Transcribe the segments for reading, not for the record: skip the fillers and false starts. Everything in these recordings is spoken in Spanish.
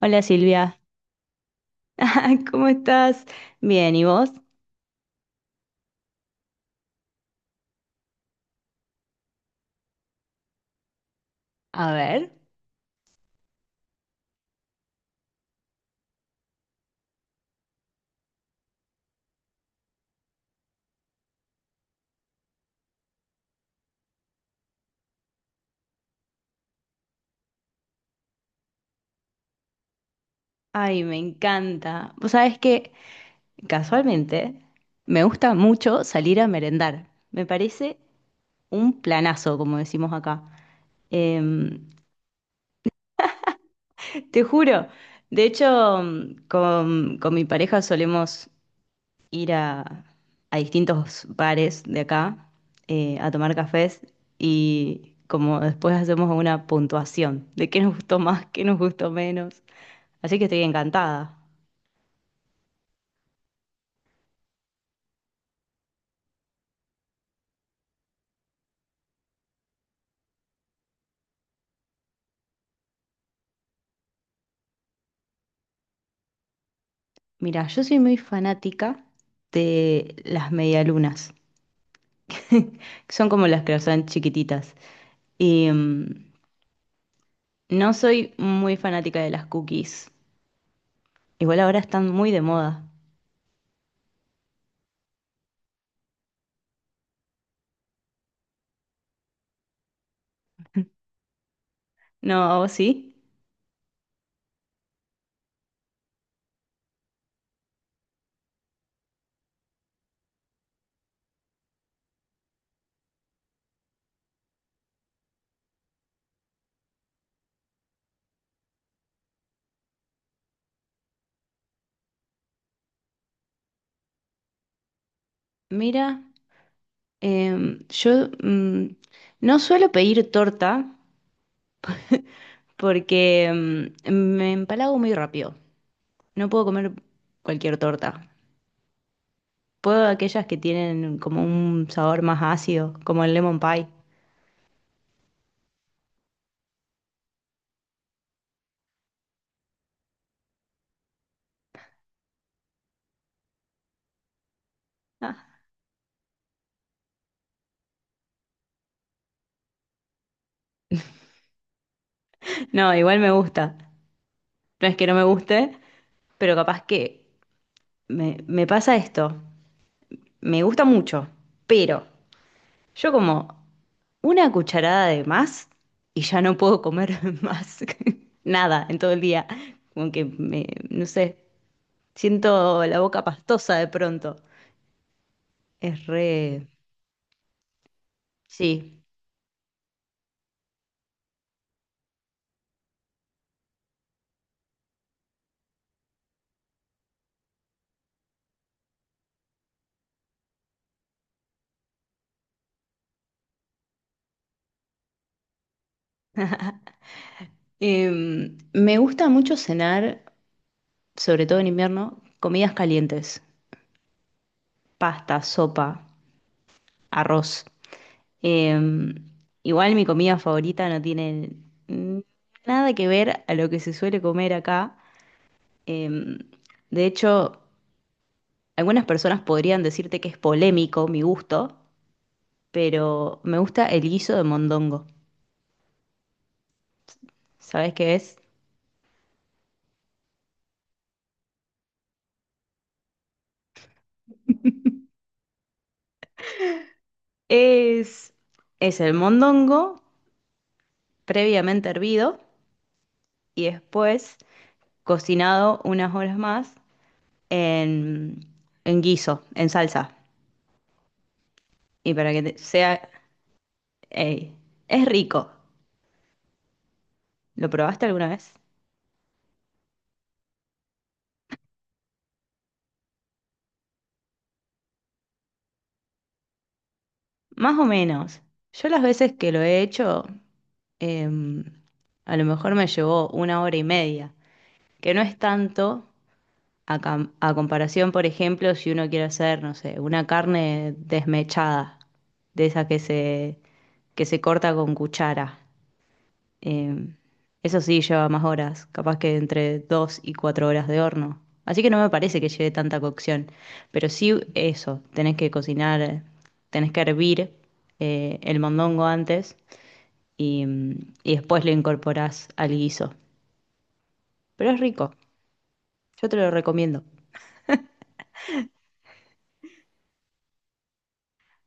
Hola Silvia, ¿cómo estás? Bien, ¿y vos? A ver, ay, me encanta. Vos sabés que casualmente me gusta mucho salir a merendar. Me parece un planazo, como decimos acá. Em, Te juro. De hecho, con mi pareja solemos ir a distintos bares de acá a tomar cafés y como después hacemos una puntuación de qué nos gustó más, qué nos gustó menos. Así que estoy encantada. Mira, yo soy muy fanática de las medialunas, que son como las que son chiquititas. Y no soy muy fanática de las cookies. Igual ahora están muy de moda. No, ¿a vos sí? Mira, yo no suelo pedir torta porque me empalago muy rápido. No puedo comer cualquier torta. Puedo aquellas que tienen como un sabor más ácido, como el lemon pie. No, igual me gusta. No es que no me guste, pero capaz que me pasa esto. Me gusta mucho, pero yo como una cucharada de más y ya no puedo comer más nada en todo el día. Como que me, no sé, siento la boca pastosa de pronto. Es re... Sí. Me gusta mucho cenar, sobre todo en invierno, comidas calientes, pasta, sopa, arroz. Eh, Igual mi comida favorita no tiene mm, nada que ver a lo que se suele comer acá. Eh, de hecho, algunas personas podrían decirte que es polémico mi gusto, pero me gusta el guiso de mondongo. ¿Sabes qué es? Es, es el mondongo previamente hervido y después cocinado unas horas más en, en guiso, en salsa. Y para que te- sea... ey, es rico. ¿Lo probaste alguna vez? Más o menos. Yo las veces que lo he hecho, em, a lo mejor me llevó una hora y media, que no es tanto a comparación, por ejemplo, si uno quiere hacer, no sé, una carne desmechada, de esa que se corta con cuchara. Em, Eso sí, lleva más horas, capaz que entre 2 y 4 horas de horno. Así que no me parece que lleve tanta cocción. Pero sí eso, tenés que cocinar, tenés que hervir el mondongo antes y después lo incorporás al guiso. Pero es rico, yo te lo recomiendo.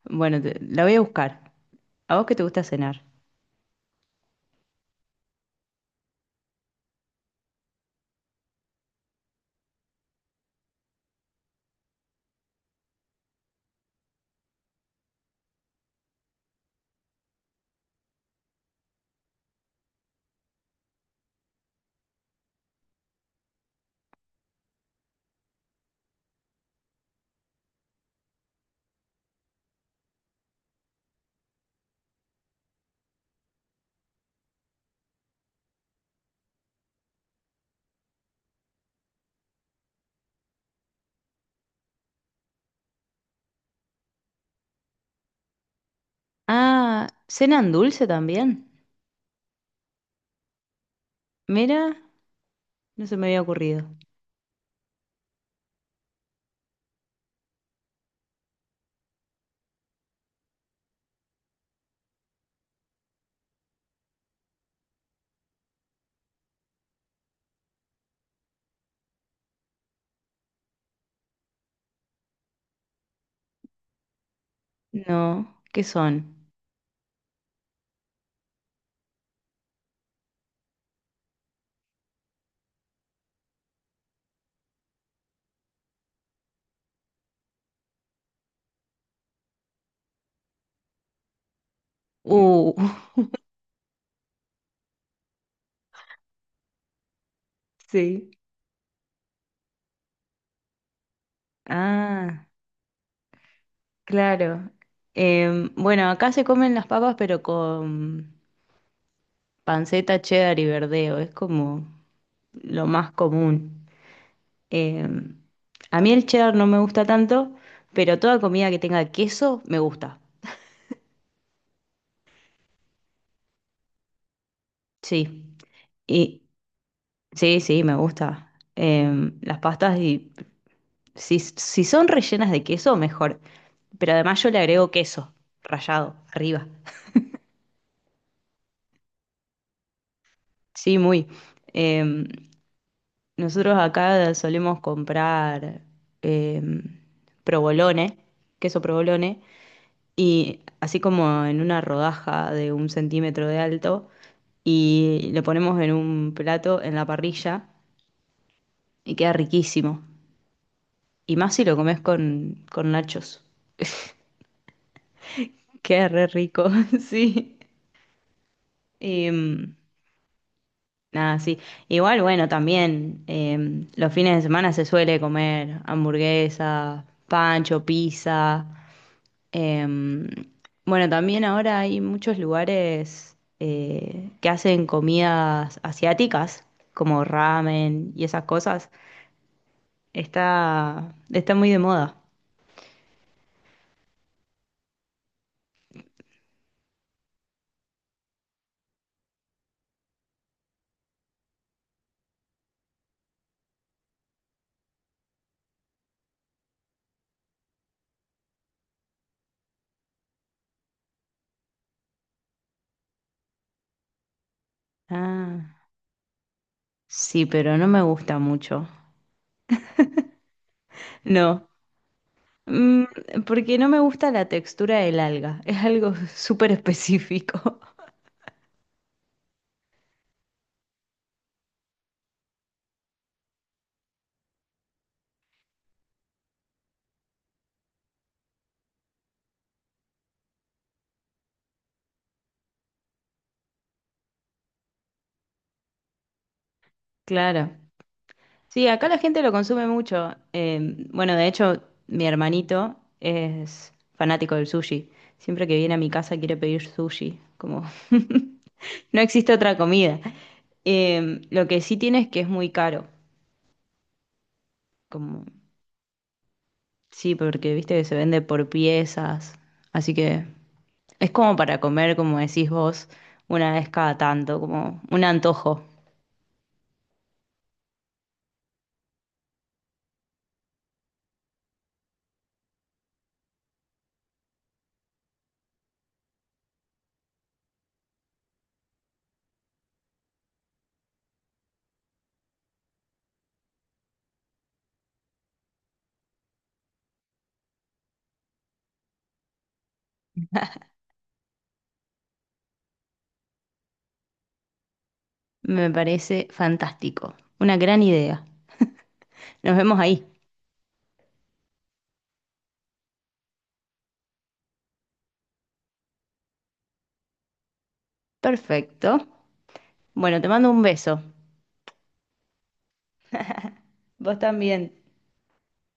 Bueno, la voy a buscar. ¿A vos qué te gusta cenar? Ah, ¿cenan dulce también? Mira, no se me había ocurrido. No, ¿qué son? Uh, sí. Ah, claro. Bueno, acá se comen las papas, pero con panceta, cheddar y verdeo. Es como lo más común. Em, a mí el cheddar no me gusta tanto, pero toda comida que tenga queso me gusta. Sí. Y sí, sí, me gusta. Las pastas, y, si son rellenas de queso, mejor. Pero además yo le agrego queso rallado arriba. Sí, muy. Em, Nosotros acá solemos comprar em, provolone, queso provolone, y así como en una rodaja de un centímetro de alto, y lo ponemos en un plato en la parrilla y queda riquísimo. Y más si lo comes con nachos. Queda re rico, sí. Em, Nada, sí. Igual, bueno, también los fines de semana se suele comer hamburguesa, pancho, pizza. Em, bueno, también ahora hay muchos lugares que hacen comidas asiáticas, como ramen y esas cosas. Está muy de moda. Ah, sí, pero no me gusta mucho. No, Mm, porque no me gusta la textura del alga. Es algo súper específico. Claro. Sí, acá la gente lo consume mucho. Bueno, de hecho, mi hermanito es fanático del sushi. Siempre que viene a mi casa quiere pedir sushi, como no existe otra comida. Lo que sí tiene es que es muy caro, como sí, porque viste que se vende por piezas, así que es como para comer, como decís vos, una vez cada tanto, como un antojo. Me parece fantástico, una gran idea. Nos vemos ahí. Perfecto. Bueno, te mando un beso. Vos también.